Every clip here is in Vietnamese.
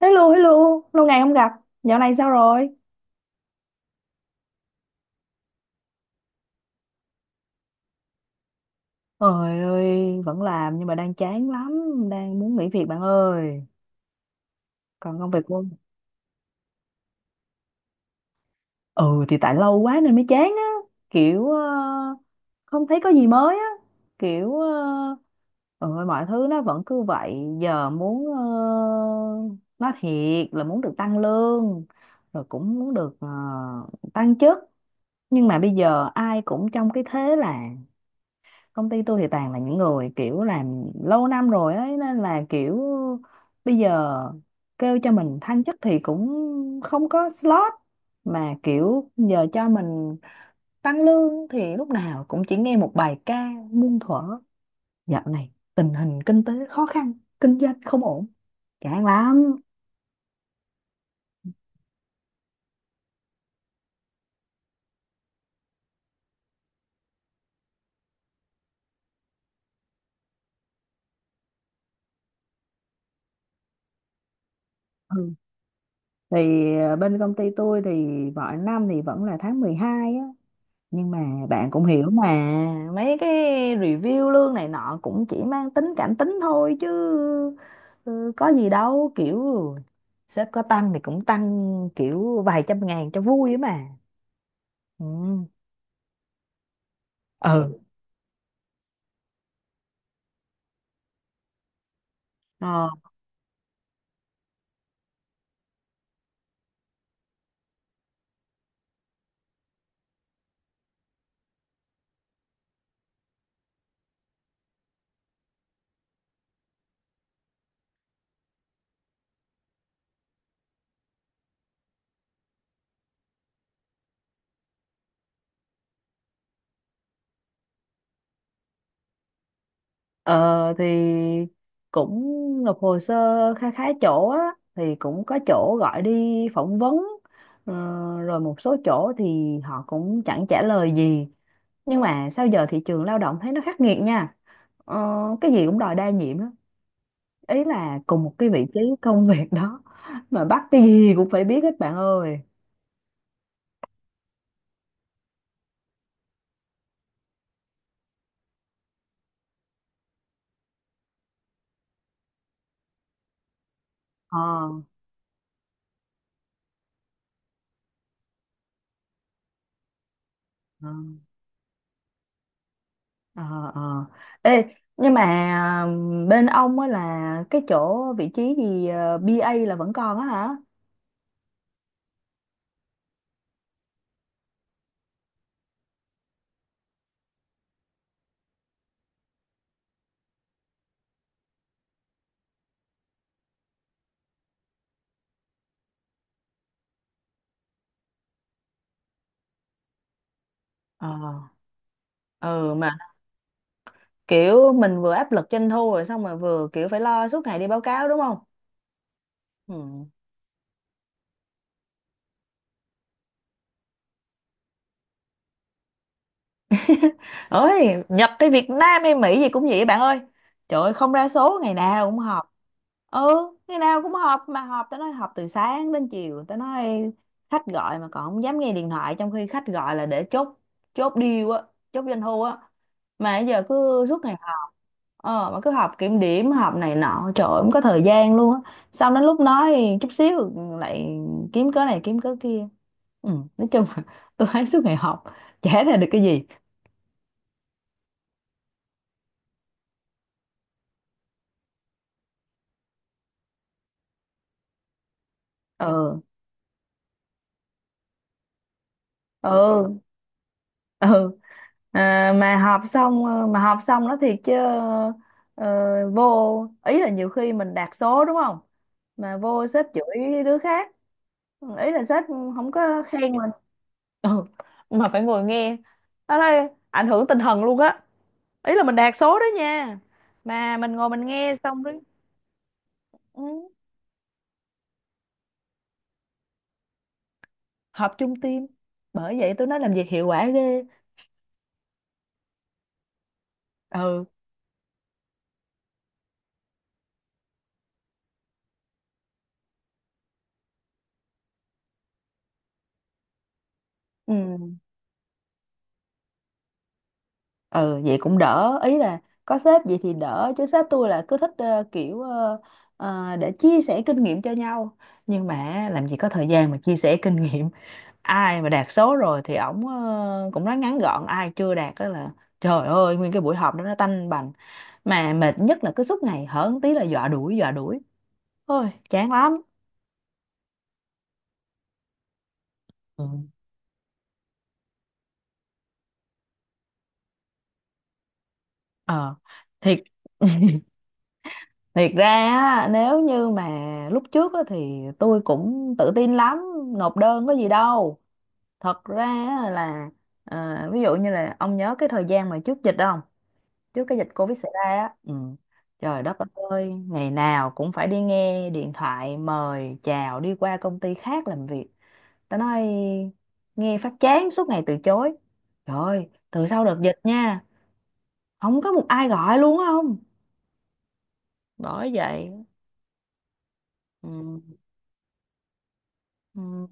Hello, hello, lâu ngày không gặp, dạo này sao rồi? Trời ơi, vẫn làm nhưng mà đang chán lắm, đang muốn nghỉ việc bạn ơi. Còn công việc của... Ừ thì tại lâu quá nên mới chán á, kiểu không thấy có gì mới á, kiểu ừ, mọi thứ nó vẫn cứ vậy, giờ muốn nói thiệt là muốn được tăng lương, rồi cũng muốn được tăng chức, nhưng mà bây giờ ai cũng trong cái thế là công ty tôi thì toàn là những người kiểu làm lâu năm rồi ấy, nên là kiểu bây giờ kêu cho mình thăng chức thì cũng không có slot, mà kiểu giờ cho mình tăng lương thì lúc nào cũng chỉ nghe một bài ca muôn thuở: dạo này tình hình kinh tế khó khăn, kinh doanh không ổn, chán lắm. Ừ. Thì bên công ty tôi thì mọi năm thì vẫn là tháng 12 á, nhưng mà bạn cũng hiểu mà, mấy cái review lương này nọ cũng chỉ mang tính cảm tính thôi chứ, ừ, có gì đâu, kiểu sếp có tăng thì cũng tăng kiểu vài trăm ngàn cho vui ấy mà. Ừ. Ừ. Ờ, thì cũng nộp hồ sơ kha khá chỗ á, thì cũng có chỗ gọi đi phỏng vấn, ờ, rồi một số chỗ thì họ cũng chẳng trả lời gì. Nhưng mà sao giờ thị trường lao động thấy nó khắc nghiệt nha, ờ, cái gì cũng đòi đa nhiệm á, ý là cùng một cái vị trí công việc đó mà bắt cái gì cũng phải biết hết bạn ơi. ờ ờ ờ ờ Ê, nhưng mà bên ông á là cái chỗ vị trí gì, bê A là vẫn còn á hả? Ờ. Ừ. Mà kiểu mình vừa áp lực doanh thu rồi xong rồi vừa kiểu phải lo suốt ngày đi báo cáo đúng không? Ừ. Ơi, nhập tới Việt Nam hay Mỹ gì cũng vậy bạn ơi, trời ơi không ra số ngày nào cũng họp. Ừ, ngày nào cũng họp, mà họp tao nói họp từ sáng đến chiều, tao nói khách gọi mà còn không dám nghe điện thoại, trong khi khách gọi là để chốt, chốt deal á, chốt doanh thu á, mà giờ cứ suốt ngày họp. Ờ, mà cứ họp kiểm điểm họp này nọ, trời ơi, không có thời gian luôn á, xong đến lúc nói chút xíu lại kiếm cớ này kiếm cớ kia. Ừ, nói chung là tôi thấy suốt ngày họp chả ra được cái gì. Ừ. Ừ. Ừ. À, mà họp xong, mà họp xong nó thiệt chứ, ờ, vô ý là nhiều khi mình đạt số đúng không, mà vô sếp chửi đứa khác, ý là sếp không có khen mình. Ừ. Mà phải ngồi nghe đó, đây ảnh hưởng tinh thần luôn á, ý là mình đạt số đó nha, mà mình ngồi mình nghe xong rồi. Ừ. Họp chung team, bởi vậy tôi nói làm việc hiệu quả ghê. Ừ. Ừ. Ừ, vậy cũng đỡ, ý là có sếp vậy thì đỡ, chứ sếp tôi là cứ thích kiểu để chia sẻ kinh nghiệm cho nhau, nhưng mà làm gì có thời gian mà chia sẻ kinh nghiệm. Ai mà đạt số rồi thì ổng cũng nói ngắn gọn, ai chưa đạt đó là trời ơi, nguyên cái buổi họp đó nó tanh bành. Mà mệt nhất là cứ suốt ngày hở một tí là dọa đuổi dọa đuổi, ôi chán lắm. Ừ. ờ Thiệt. Thiệt ra á, nếu như mà lúc trước á, thì tôi cũng tự tin lắm, nộp đơn có gì đâu. Thật ra á là à, ví dụ như là ông nhớ cái thời gian mà trước dịch không? Trước cái dịch Covid xảy ra á. Ừ. Trời đất ơi, ngày nào cũng phải đi nghe điện thoại mời chào đi qua công ty khác làm việc. Tao nói nghe phát chán, suốt ngày từ chối. Trời ơi, từ sau đợt dịch nha, không có một ai gọi luôn á, không? Bởi vậy. Ừ. Ừ.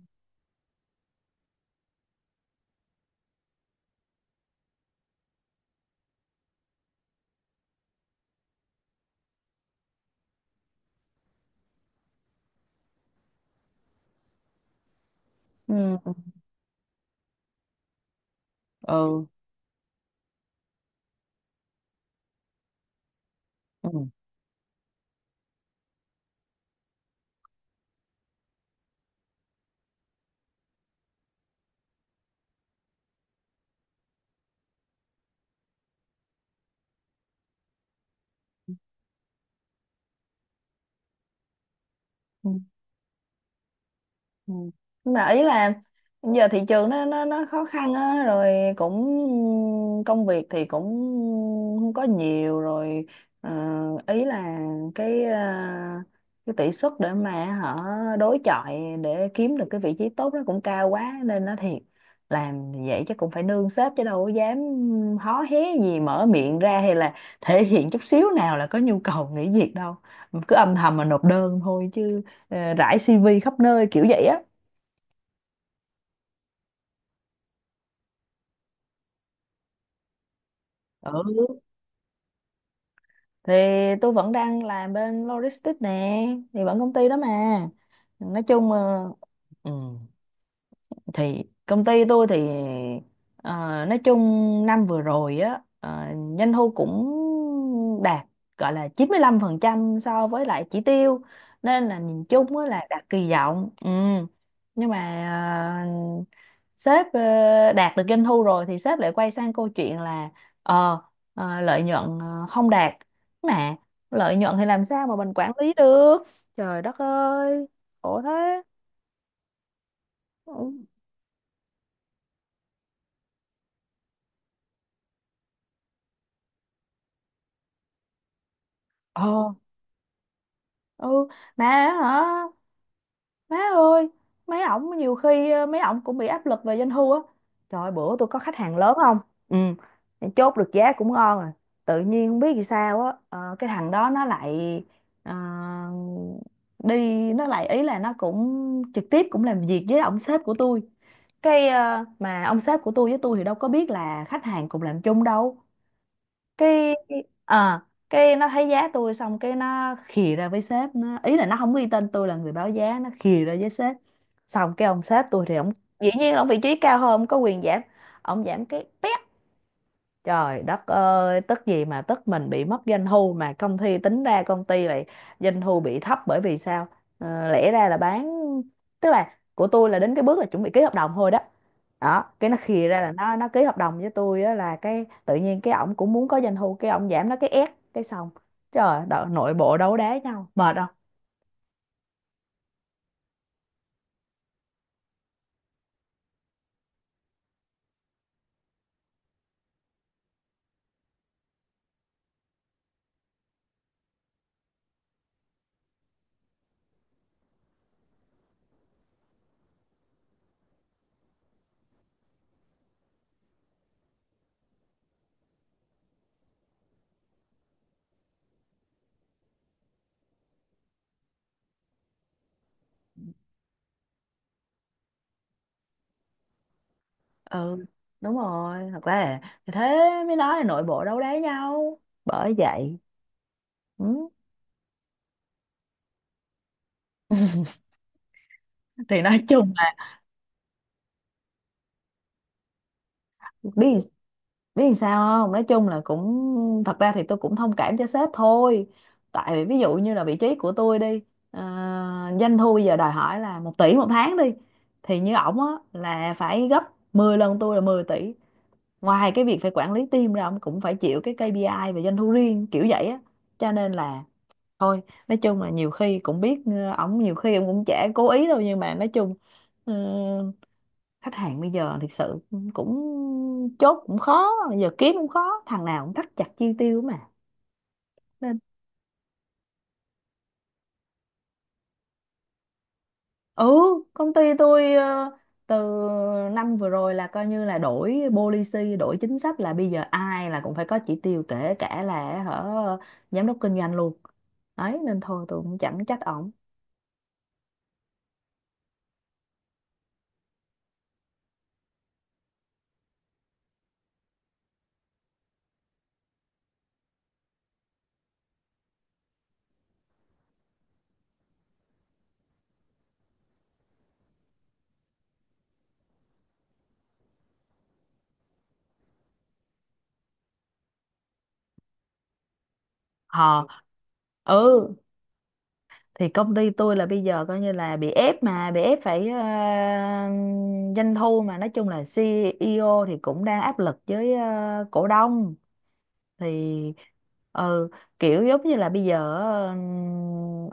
Ừ. Ừ. Ừ. Ừ. Ừ. Nhưng mà ý là giờ thị trường nó khó khăn á, rồi cũng công việc thì cũng không có nhiều rồi, ờ, ý là cái cái tỷ suất để mà họ đối chọi để kiếm được cái vị trí tốt nó cũng cao quá, nên nó thiệt làm vậy chứ cũng phải nương sếp, chứ đâu có dám hó hé gì, mở miệng ra hay là thể hiện chút xíu nào là có nhu cầu nghỉ việc đâu, cứ âm thầm mà nộp đơn thôi chứ, ờ, rải CV khắp nơi kiểu vậy á. Ừ, thì tôi vẫn đang làm bên logistics nè, thì vẫn công ty đó mà, nói chung ừ, thì công ty tôi thì ờ, nói chung năm vừa rồi á, doanh thu cũng đạt, gọi là 95% so với lại chỉ tiêu, nên là nhìn chung á là đạt kỳ vọng. Ừ. Nhưng mà ờ, sếp đạt được doanh thu rồi thì sếp lại quay sang câu chuyện là ờ ờ, lợi nhuận không đạt, mà lợi nhuận thì làm sao mà mình quản lý được, trời đất ơi, khổ thế. Ừ. ờ ừ, mà hả, má ơi, mấy ổng nhiều khi mấy ổng cũng bị áp lực về doanh thu á. Trời ơi, bữa tôi có khách hàng lớn không, ừ, chốt được giá cũng ngon rồi, tự nhiên không biết vì sao á, cái thằng đó nó lại ờ, đi, nó lại, ý là nó cũng trực tiếp cũng làm việc với ông sếp của tôi, cái mà ông sếp của tôi với tôi thì đâu có biết là khách hàng cùng làm chung đâu, cái à, cái nó thấy giá tôi xong cái nó khì ra với sếp nó, ý là nó không ghi tên tôi là người báo giá, nó khì ra với sếp, xong cái ông sếp tôi thì ông dĩ nhiên là ông vị trí cao hơn, ông có quyền giảm, ông giảm cái pét. Trời đất ơi, tức gì mà tức, mình bị mất doanh thu, mà công ty tính ra công ty lại doanh thu bị thấp, bởi vì sao? Ờ, lẽ ra là bán, tức là của tôi là đến cái bước là chuẩn bị ký hợp đồng thôi đó. Đó, cái nó khìa ra là nó ký hợp đồng với tôi á, là cái tự nhiên cái ổng cũng muốn có doanh thu, cái ổng giảm nó cái ép cái xong. Trời, đợ- nội bộ đấu đá nhau, mệt không? Ừ. Đúng rồi, thật ra là thế mới nói là nội bộ đấu đá nhau. Bởi vậy. Ừ. Thì nói chung là biết, làm sao không, nói chung là cũng thật ra thì tôi cũng thông cảm cho sếp thôi, tại vì ví dụ như là vị trí của tôi đi, ờ, doanh thu bây giờ đòi hỏi là 1 tỷ một tháng đi, thì như ổng á là phải gấp 10 lần tôi là 10 tỷ, ngoài cái việc phải quản lý team ra, ông cũng phải chịu cái KPI về doanh thu riêng kiểu vậy á, cho nên là thôi nói chung là nhiều khi cũng biết ổng nhiều khi ổng cũng chả cố ý đâu, nhưng mà nói chung ờ, khách hàng bây giờ thực sự cũng chốt cũng khó, bây giờ kiếm cũng khó, thằng nào cũng thắt chặt chi tiêu mà, nên ừ công ty tôi, từ năm vừa rồi là coi như là đổi policy, đổi chính sách là bây giờ ai là cũng phải có chỉ tiêu, kể cả là hở giám đốc kinh doanh luôn đấy, nên thôi tôi cũng chẳng trách ổng. Ờ. Ừ, thì công ty tôi là bây giờ coi như là bị ép, mà bị ép phải doanh thu, mà nói chung là CEO thì cũng đang áp lực với cổ đông, thì ừ kiểu giống như là bây giờ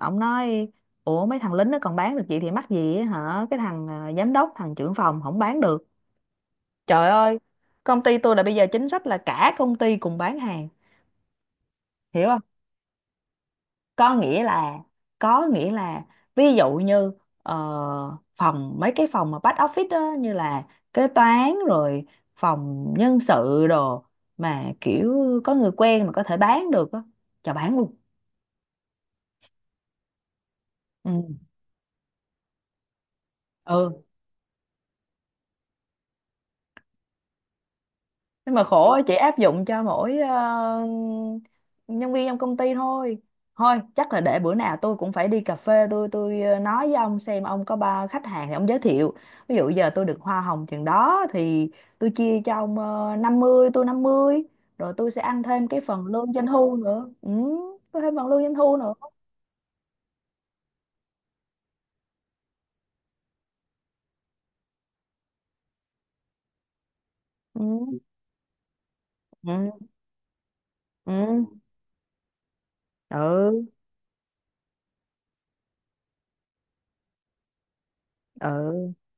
ổng nói: ủa mấy thằng lính nó còn bán được vậy thì mắc gì á, hả, cái thằng giám đốc thằng trưởng phòng không bán được, trời ơi. Công ty tôi là bây giờ chính sách là cả công ty cùng bán hàng, hiểu không? Có nghĩa là có nghĩa là, ví dụ như phòng mấy cái phòng mà back office đó, như là kế toán rồi, phòng nhân sự đồ, mà kiểu có người quen mà có thể bán được á, cho bán luôn. Ừ. Ừ, nhưng mà khổ á, chỉ áp dụng cho mỗi nhân viên trong công ty thôi. Thôi chắc là để bữa nào tôi cũng phải đi cà phê, tôi nói với ông xem ông có ba khách hàng thì ông giới thiệu, ví dụ giờ tôi được hoa hồng chừng đó thì tôi chia cho ông, 50 tôi 50, rồi tôi sẽ ăn thêm cái phần lương doanh thu nữa. Ừ, có thêm phần lương doanh thu nữa. Ừ. Ừ. Ừ, ừ. Ừ,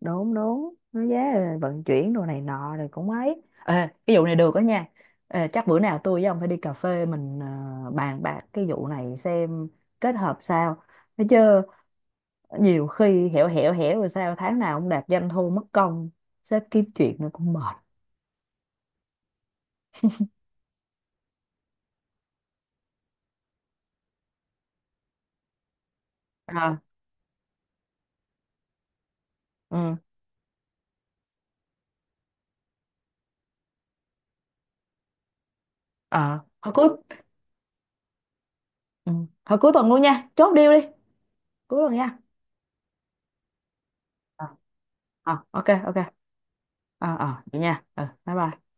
đúng đúng, nó giá rồi vận chuyển đồ này nọ rồi cũng ấy. Ê, cái vụ này được đó nha. Ê, chắc bữa nào tôi với ông phải đi cà phê, mình bàn bạc cái vụ này xem kết hợp sao, thấy chứ, nhiều khi hẻo hẻo hẻo, rồi sao tháng nào ông đạt doanh thu, mất công sếp kiếm chuyện nó cũng mệt. À. Ừ. Ờ, hồi cuối, ừ, hồi cuối tuần luôn nha, chốt deal đi, cuối tuần nha. Ờ, ờ, ok ok. Ờ, ờ, vậy nha, ừ, bye bye.